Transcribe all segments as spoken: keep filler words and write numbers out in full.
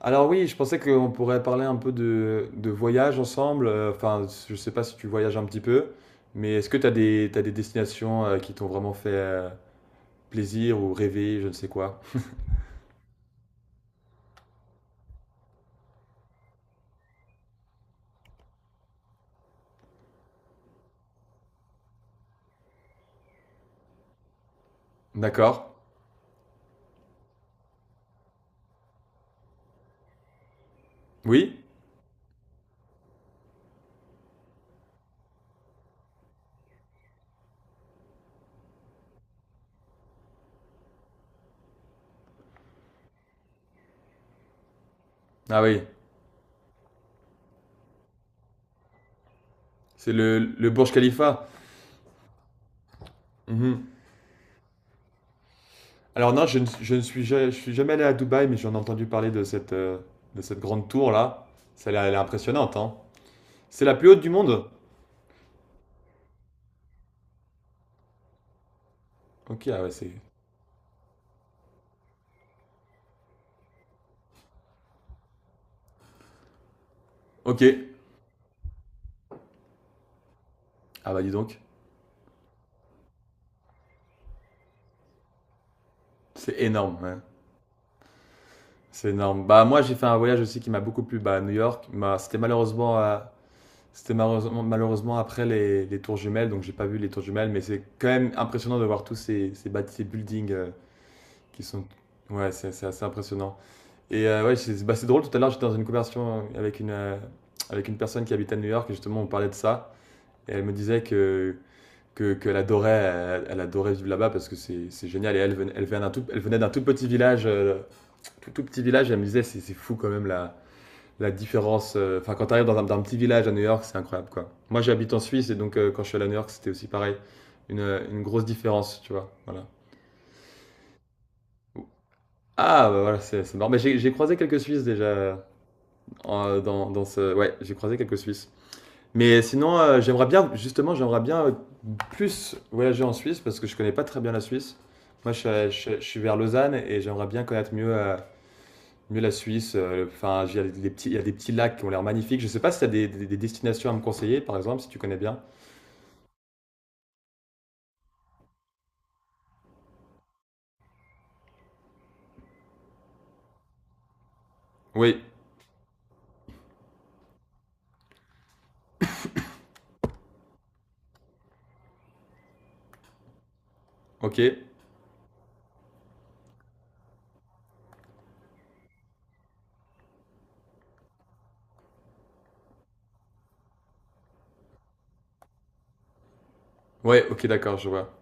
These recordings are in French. Alors oui, je pensais qu'on pourrait parler un peu de, de voyage ensemble. Euh, Enfin, je sais pas si tu voyages un petit peu, mais est-ce que tu as des, t'as des destinations euh, qui t'ont vraiment fait euh, plaisir ou rêver, je ne sais quoi. D'accord. Oui? Ah oui, c'est le, le Burj Khalifa. Mhm. Alors non, je ne, je ne suis, ja- je suis jamais allé à Dubaï, mais j'en ai entendu parler de cette, euh, de cette grande tour-là. Celle elle est impressionnante, hein. C'est la plus haute du monde? Ok, ah ouais, c'est... Ok. Ah bah dis donc, c'est énorme, hein. C'est énorme. Bah, moi, j'ai fait un voyage aussi qui m'a beaucoup plu bah, à New York. Bah, c'était malheureusement, euh, c'était malheureusement, malheureusement après les, les tours jumelles, donc j'ai pas vu les tours jumelles, mais c'est quand même impressionnant de voir tous ces, ces, bâti- ces buildings euh, qui sont. Ouais, c'est c'est assez impressionnant. Et euh, ouais, c'est bah, c'est drôle, tout à l'heure, j'étais dans une conversation avec une, euh, avec une personne qui habite à New York, et justement, on parlait de ça, et elle me disait que. Que, qu'elle adorait, elle, elle adorait vivre là-bas parce que c'est c'est génial. Et elle, venait- elle venait d'un tout, elle venait d'un tout petit village, euh, tout, tout petit village, et elle me disait c'est c'est fou quand même là la différence. euh, Enfin, quand tu arrives dans un, dans un petit village à New York, c'est incroyable, quoi. Moi, j'habite en Suisse et donc euh, quand je suis allé à New York, c'était aussi pareil. Une, euh, une grosse différence, tu vois. Voilà. Ah, bah voilà, c'est c'est marrant. Mais j'ai j'ai croisé quelques Suisses déjà euh, en- dans, dans ce. Ouais, j'ai croisé quelques Suisses. Mais sinon, euh, j'aimerais bien, justement, j'aimerais bien euh, plus voyager en Suisse parce que je connais pas très bien la Suisse. Moi, je, suis- je- Je suis vers Lausanne et j'aimerais bien connaître mieux euh, Mieux la Suisse, heu, enfin, il y a des petits il y a des petits lacs qui ont l'air magnifiques. Je sais pas si tu as des des des destinations à me conseiller, par exemple, si tu connais bien? Oui, OK. Ouais, OK, d'accord, je vois.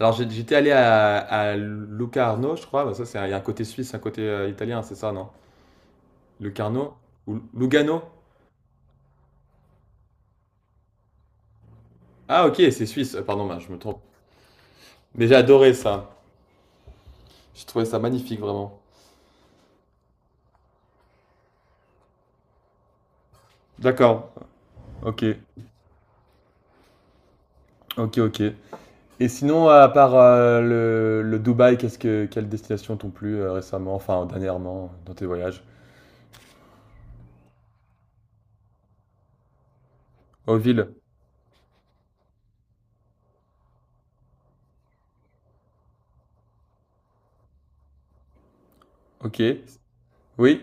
Alors j'ai j'étais allé à à Locarno, je crois, bah, ça, c'est un- il y a un côté suisse, un côté, heu, italien, c'est ça, non? Locarno? Ou Lugano? Ah OK, c'est suisse, heu, pardon, mince, je me trompe. Mais j'ai adoré ça. J'ai trouvé ça magnifique, vraiment. D'accord. OK. OK, OK. Et sinon, à part euh, le, le Dubaï, qu'est-ce que, quelles destinations t'ont plu euh, récemment, enfin dernièrement, dans tes voyages? Oh, ville, ok, oui.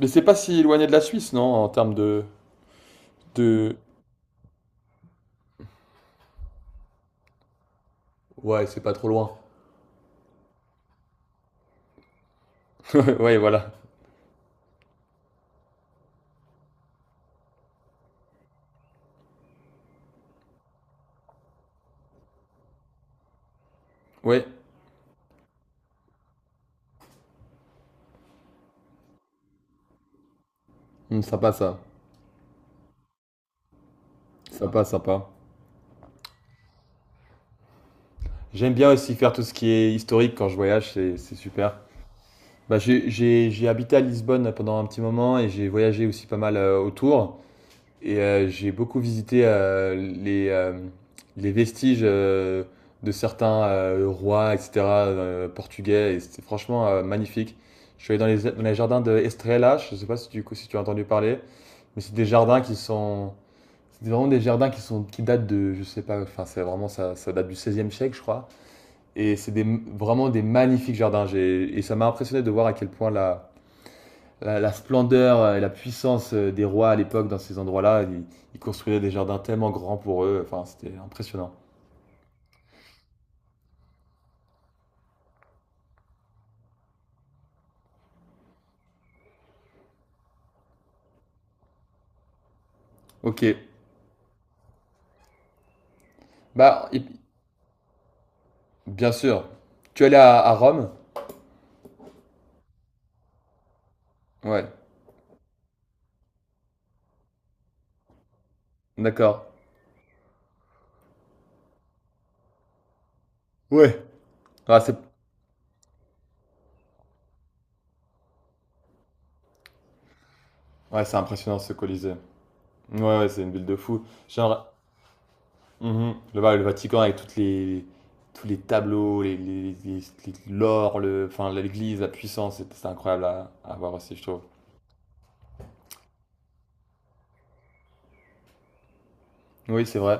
Mais c'est pas si éloigné de la Suisse, non, en termes de, de... Ouais, c'est pas trop loin. Ouais, voilà. Ouais, Hmm, sympa ça. Sympa, sympa. J'aime bien aussi faire tout ce qui est historique quand je voyage, c'est c'est super. Bah, j'ai j'ai- j'ai habité à Lisbonne pendant un petit moment et j'ai voyagé aussi pas mal euh, autour. Et euh, j'ai beaucoup visité euh, les, euh, les vestiges euh, de certains euh, rois, et cetera, euh, portugais. Et c'était franchement euh, magnifique. Je suis allé dans les, dans les jardins de Estrela, je ne sais pas si tu, si tu as entendu parler, mais c'est des jardins qui sont. C'est vraiment des jardins qui, sont, qui datent de, je sais pas, enfin c'est vraiment ça, ça date du seizième siècle je crois. Et c'est des, vraiment des magnifiques jardins. J'ai- Et ça m'a impressionné de voir à quel point la, la, la splendeur euh, et la puissance euh, des rois à l'époque dans ces endroits-là. Ils, ils construisaient des jardins tellement grands pour eux. Enfin, c'était impressionnant. Ok. Bah, et- bien sûr. Tu es allé à, à Rome? Ouais. D'accord. Ouais. Ouais, c'est ouais, c'est impressionnant ce Colisée. Ouais, ouais, c'est une ville de fou. Genre, mhm, le, le Vatican avec toutes les, tous les tableaux, les, les, les- les- l'or, le, enfin, l'église, la puissance, c'est c'est incroyable à, à voir aussi, je trouve. Oui, c'est vrai.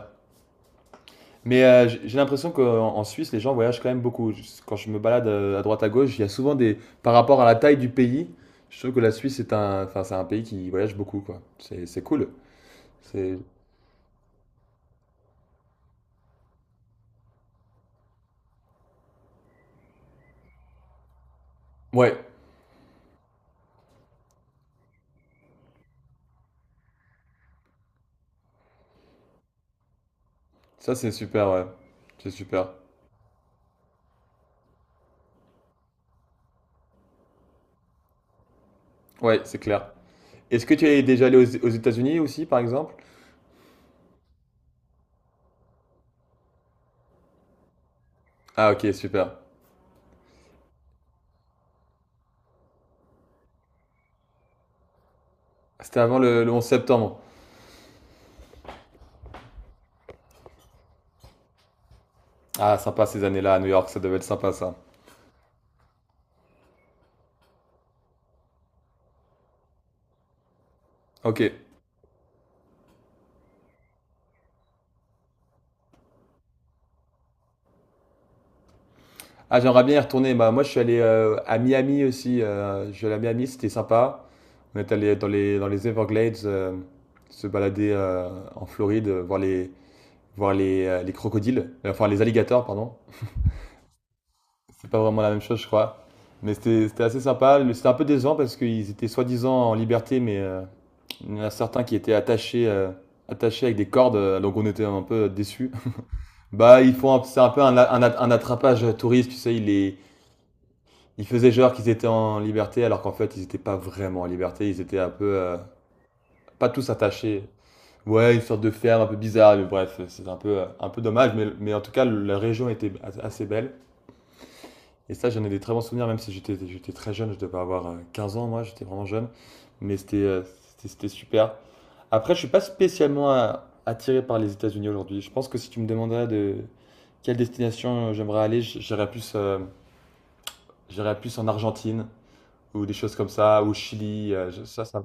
Mais euh, j'ai j'ai l'impression qu'en en Suisse, les gens voyagent quand même beaucoup. Je- Quand je me balade euh, à droite à gauche, il y a souvent des. Par rapport à la taille du pays, je trouve que la Suisse est un, enfin, c'est un pays qui voyage beaucoup, quoi. C'est, c'est cool. C'est. Ouais, ça c'est super, ouais. C'est super. Ouais, c'est clair. Est-ce que tu es déjà allé aux, aux États-Unis aussi, par exemple? Ah, ok, super. C'était avant le, le onze septembre. Ah, sympa ces années-là à New York, ça devait être sympa ça. Ok. Ah, j'aimerais bien y retourner. Bah, moi, je suis allé euh, à Miami aussi. Euh, je suis allé à Miami, c'était sympa. On est allé dans les, dans les Everglades, euh, se balader euh, en Floride, euh, voir les, voir les, euh, les crocodiles, euh, enfin les alligators, pardon. C'est pas vraiment la même chose, je crois. Mais c'était c'était assez sympa. Le- C'était un peu décevant parce qu'ils étaient soi-disant en liberté, mais euh, il y en a certains qui étaient attachés, euh, attachés avec des cordes, euh, donc on était un peu déçus. Bah, ils font, un- c'est un peu un, a- un a- un attrapage touriste, tu sais, ils les, Ils faisaient genre qu'ils étaient en liberté, alors qu'en fait, ils n'étaient pas vraiment en liberté. Ils étaient un peu, euh, pas tous attachés. Ouais, une sorte de ferme un peu bizarre, mais bref, c'est un peu, euh, un peu dommage. Mais, mais en tout cas, la région était a- assez belle. Et ça, j'en ai des très bons souvenirs, même si j'étais, j'étais très jeune. Je devais avoir euh, quinze ans, moi, j'étais vraiment jeune. Mais c'était, euh, c'était, c'était super. Après, je suis pas spécialement euh, attiré par les États-Unis aujourd'hui. Je pense que si tu me demanderais de quelle destination euh, j'aimerais aller, j- j'irais plus, euh, j'irais plus en Argentine ou des choses comme ça, au Chili, euh, je- ça, ça,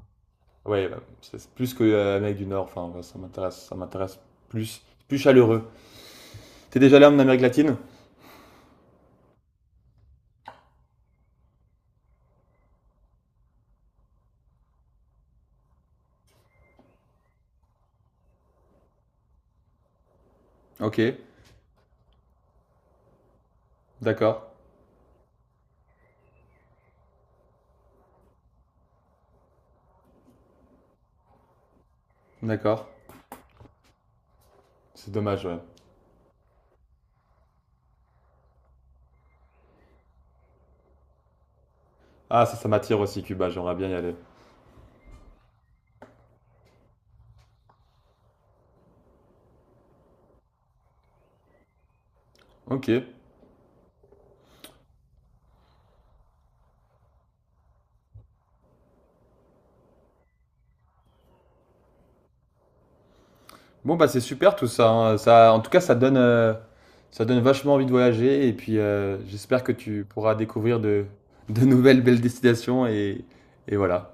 ouais, bah, c'est plus que euh, Amérique du Nord, enfin, ouais, ça m'intéresse, ça m'intéresse plus, plus chaleureux. T'es déjà allé en Amérique latine? Ok, d'accord, d'accord. C'est dommage, ouais. Ah, ça, ça m'attire aussi, Cuba, j'aimerais bien y aller. Ok. Bon, bah, c'est super tout ça, hein. Ça, en tout cas, ça donne, euh, ça donne vachement envie de voyager, et puis euh, j'espère que tu pourras découvrir de, de nouvelles belles destinations, et, et voilà.